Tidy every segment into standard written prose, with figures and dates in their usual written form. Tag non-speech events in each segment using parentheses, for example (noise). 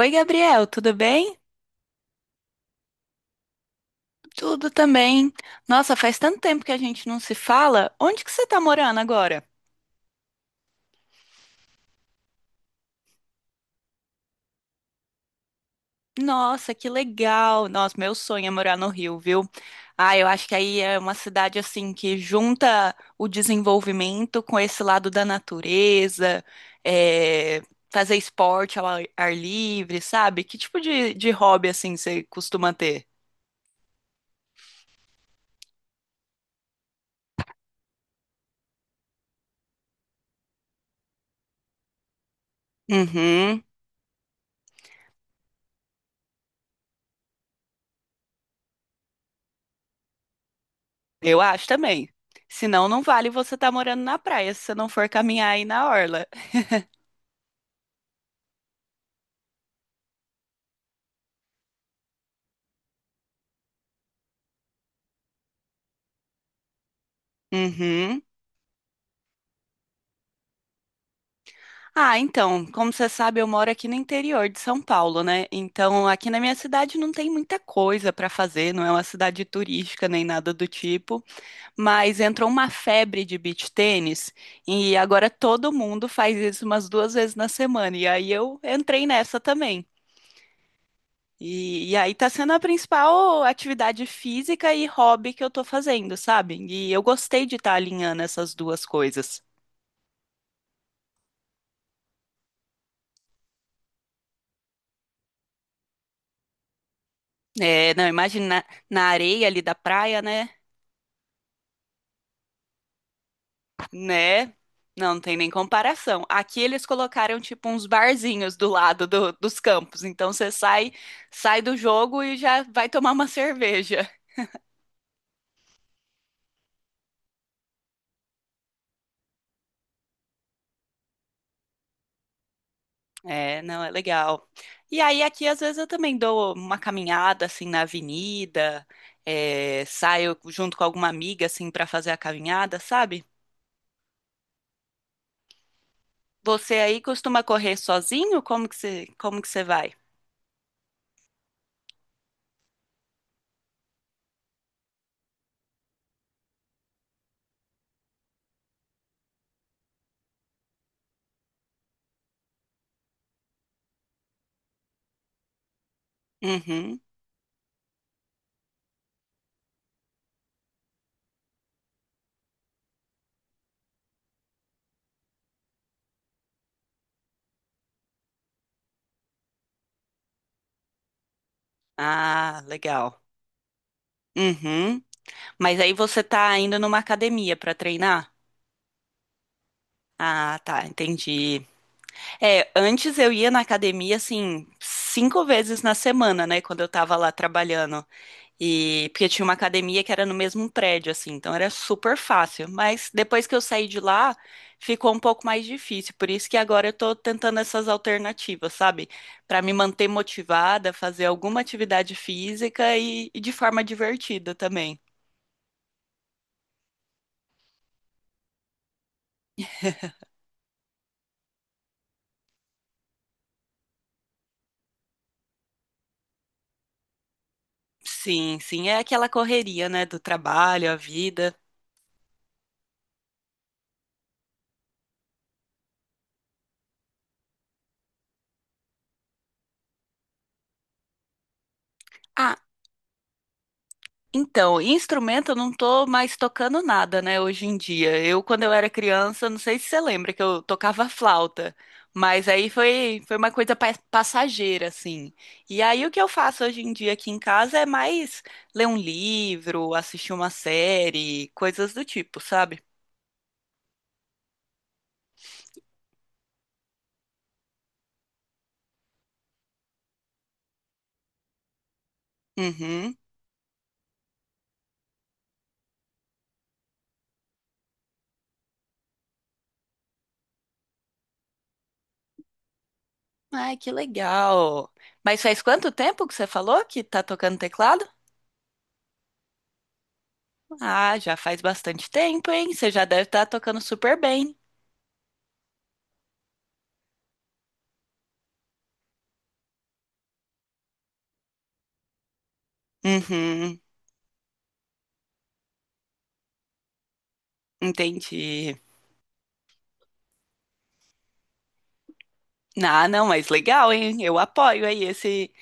Oi, Gabriel, tudo bem? Tudo também. Nossa, faz tanto tempo que a gente não se fala. Onde que você tá morando agora? Nossa, que legal. Nossa, meu sonho é morar no Rio, viu? Ah, eu acho que aí é uma cidade assim que junta o desenvolvimento com esse lado da natureza, é, fazer esporte ao ar livre, sabe? Que tipo de hobby assim você costuma ter? Uhum. Eu acho também. Senão não vale você estar morando na praia, se você não for caminhar aí na orla. (laughs) Uhum. Ah, então, como você sabe, eu moro aqui no interior de São Paulo, né? Então, aqui na minha cidade não tem muita coisa para fazer, não é uma cidade turística nem nada do tipo, mas entrou uma febre de beach tênis e agora todo mundo faz isso umas duas vezes na semana. E aí eu entrei nessa também. E aí tá sendo a principal atividade física e hobby que eu tô fazendo, sabe? E eu gostei de estar alinhando essas duas coisas. É, não, imagina na areia ali da praia, né? Né? Não, não tem nem comparação. Aqui eles colocaram tipo uns barzinhos do lado dos campos, então você sai, do jogo e já vai tomar uma (laughs) cerveja. É, não, é legal. E aí aqui às vezes eu também dou uma caminhada assim na avenida, saio junto com alguma amiga assim para fazer a caminhada, sabe? Você aí costuma correr sozinho? Como que você vai? Uhum. Ah, legal. Uhum. Mas aí você tá indo numa academia para treinar? Ah, tá, entendi. É, antes eu ia na academia assim cinco vezes na semana, né, quando eu tava lá trabalhando. E porque tinha uma academia que era no mesmo prédio, assim, então era super fácil. Mas depois que eu saí de lá, ficou um pouco mais difícil. Por isso que agora eu tô tentando essas alternativas, sabe? Pra me manter motivada, fazer alguma atividade física e de forma divertida também. Sim, sim, é aquela correria, né, do trabalho, a vida. Ah, então, instrumento eu não tô mais tocando nada, né, hoje em dia. Eu, quando eu era criança, não sei se você lembra que eu tocava flauta, mas aí foi, uma coisa passageira, assim. E aí o que eu faço hoje em dia aqui em casa é mais ler um livro, assistir uma série, coisas do tipo, sabe? Uhum. Ai, que legal. Mas faz quanto tempo que você falou que tá tocando teclado? Ah, já faz bastante tempo, hein? Você já deve estar tocando super bem. Uhum. Entendi. Ah, não, mas legal, hein? Eu apoio aí esse,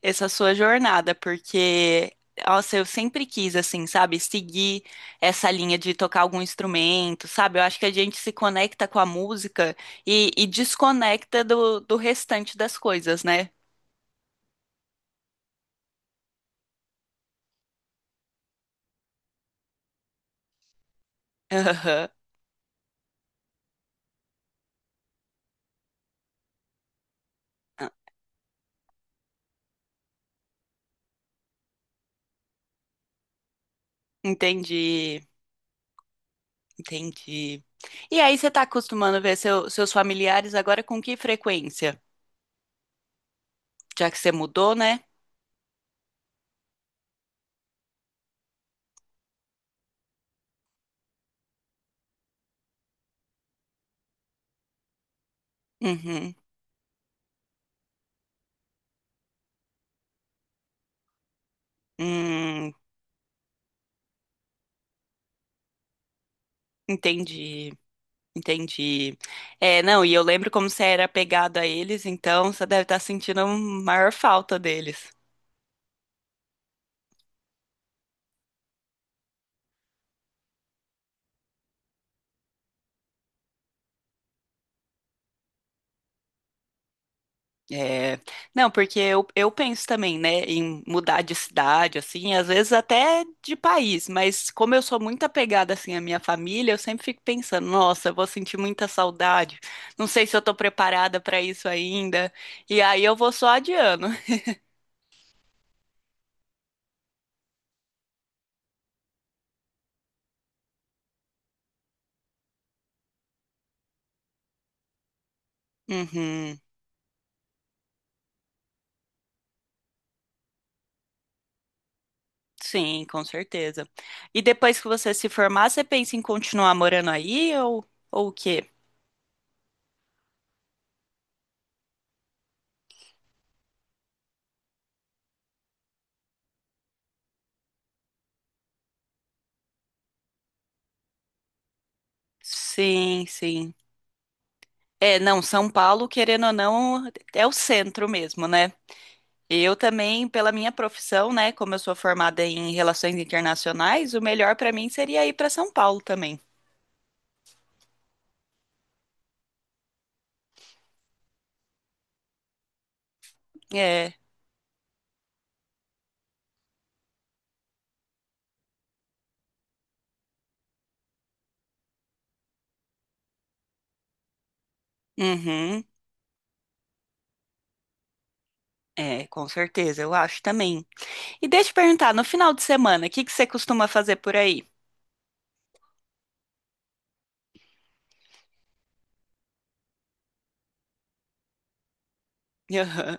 essa sua jornada, porque, nossa, eu sempre quis, assim, sabe, seguir essa linha de tocar algum instrumento, sabe? Eu acho que a gente se conecta com a música e desconecta do restante das coisas, né? Aham. Ah, entendi, entendi. E aí, você tá acostumando ver seus familiares agora com que frequência? Já que você mudou, né? Uhum. Hum, entendi. Entendi. É, não, e eu lembro como você era apegado a eles, então você deve estar sentindo a maior falta deles. É, não, porque eu penso também, né, em mudar de cidade, assim, às vezes até de país, mas como eu sou muito apegada, assim, à minha família, eu sempre fico pensando, nossa, eu vou sentir muita saudade, não sei se eu tô preparada para isso ainda, e aí eu vou só adiando. (laughs) Sim, com certeza. E depois que você se formar, você pensa em continuar morando aí ou o quê? Sim, sim. É, não, São Paulo, querendo ou não, é o centro mesmo, né? Eu também, pela minha profissão, né, como eu sou formada em relações internacionais, o melhor pra mim seria ir pra São Paulo também. É. Uhum. É, com certeza, eu acho também. E deixa eu perguntar, no final de semana, o que que você costuma fazer por aí? (laughs) Aham.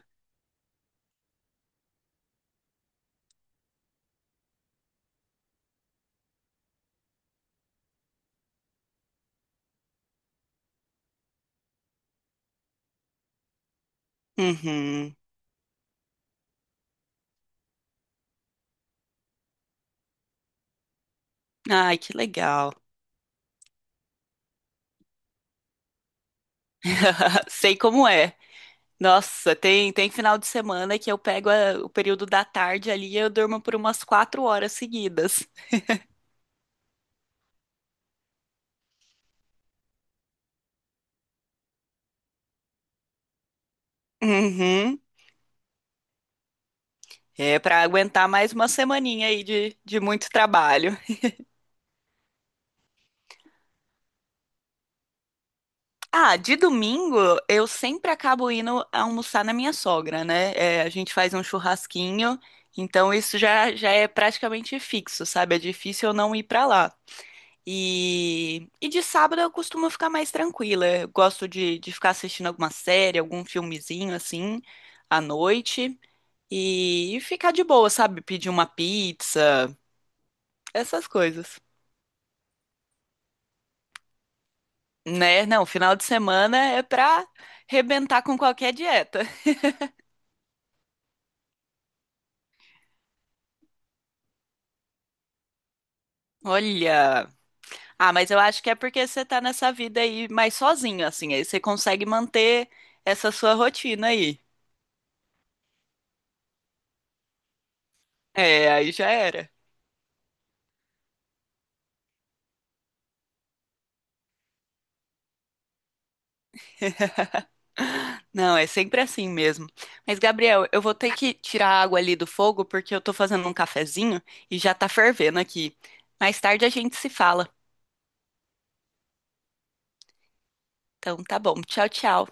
Uhum. Ai, que legal. (laughs) Sei como é. Nossa, tem final de semana que eu pego o período da tarde ali e eu durmo por umas 4 horas seguidas. Uhum. É pra aguentar mais uma semaninha aí de muito trabalho. Ah, de domingo eu sempre acabo indo almoçar na minha sogra, né? É, a gente faz um churrasquinho, então isso já é praticamente fixo, sabe? É difícil eu não ir pra lá. E de sábado eu costumo ficar mais tranquila. Eu gosto de ficar assistindo alguma série, algum filmezinho assim, à noite. E ficar de boa, sabe? Pedir uma pizza, essas coisas. Né? Não, final de semana é pra rebentar com qualquer dieta. (laughs) Olha. Ah, mas eu acho que é porque você tá nessa vida aí mais sozinho, assim. Aí você consegue manter essa sua rotina aí. É, aí já era. (laughs) Não, é sempre assim mesmo. Mas, Gabriel, eu vou ter que tirar a água ali do fogo porque eu tô fazendo um cafezinho e já tá fervendo aqui. Mais tarde a gente se fala. Então, tá bom. Tchau, tchau.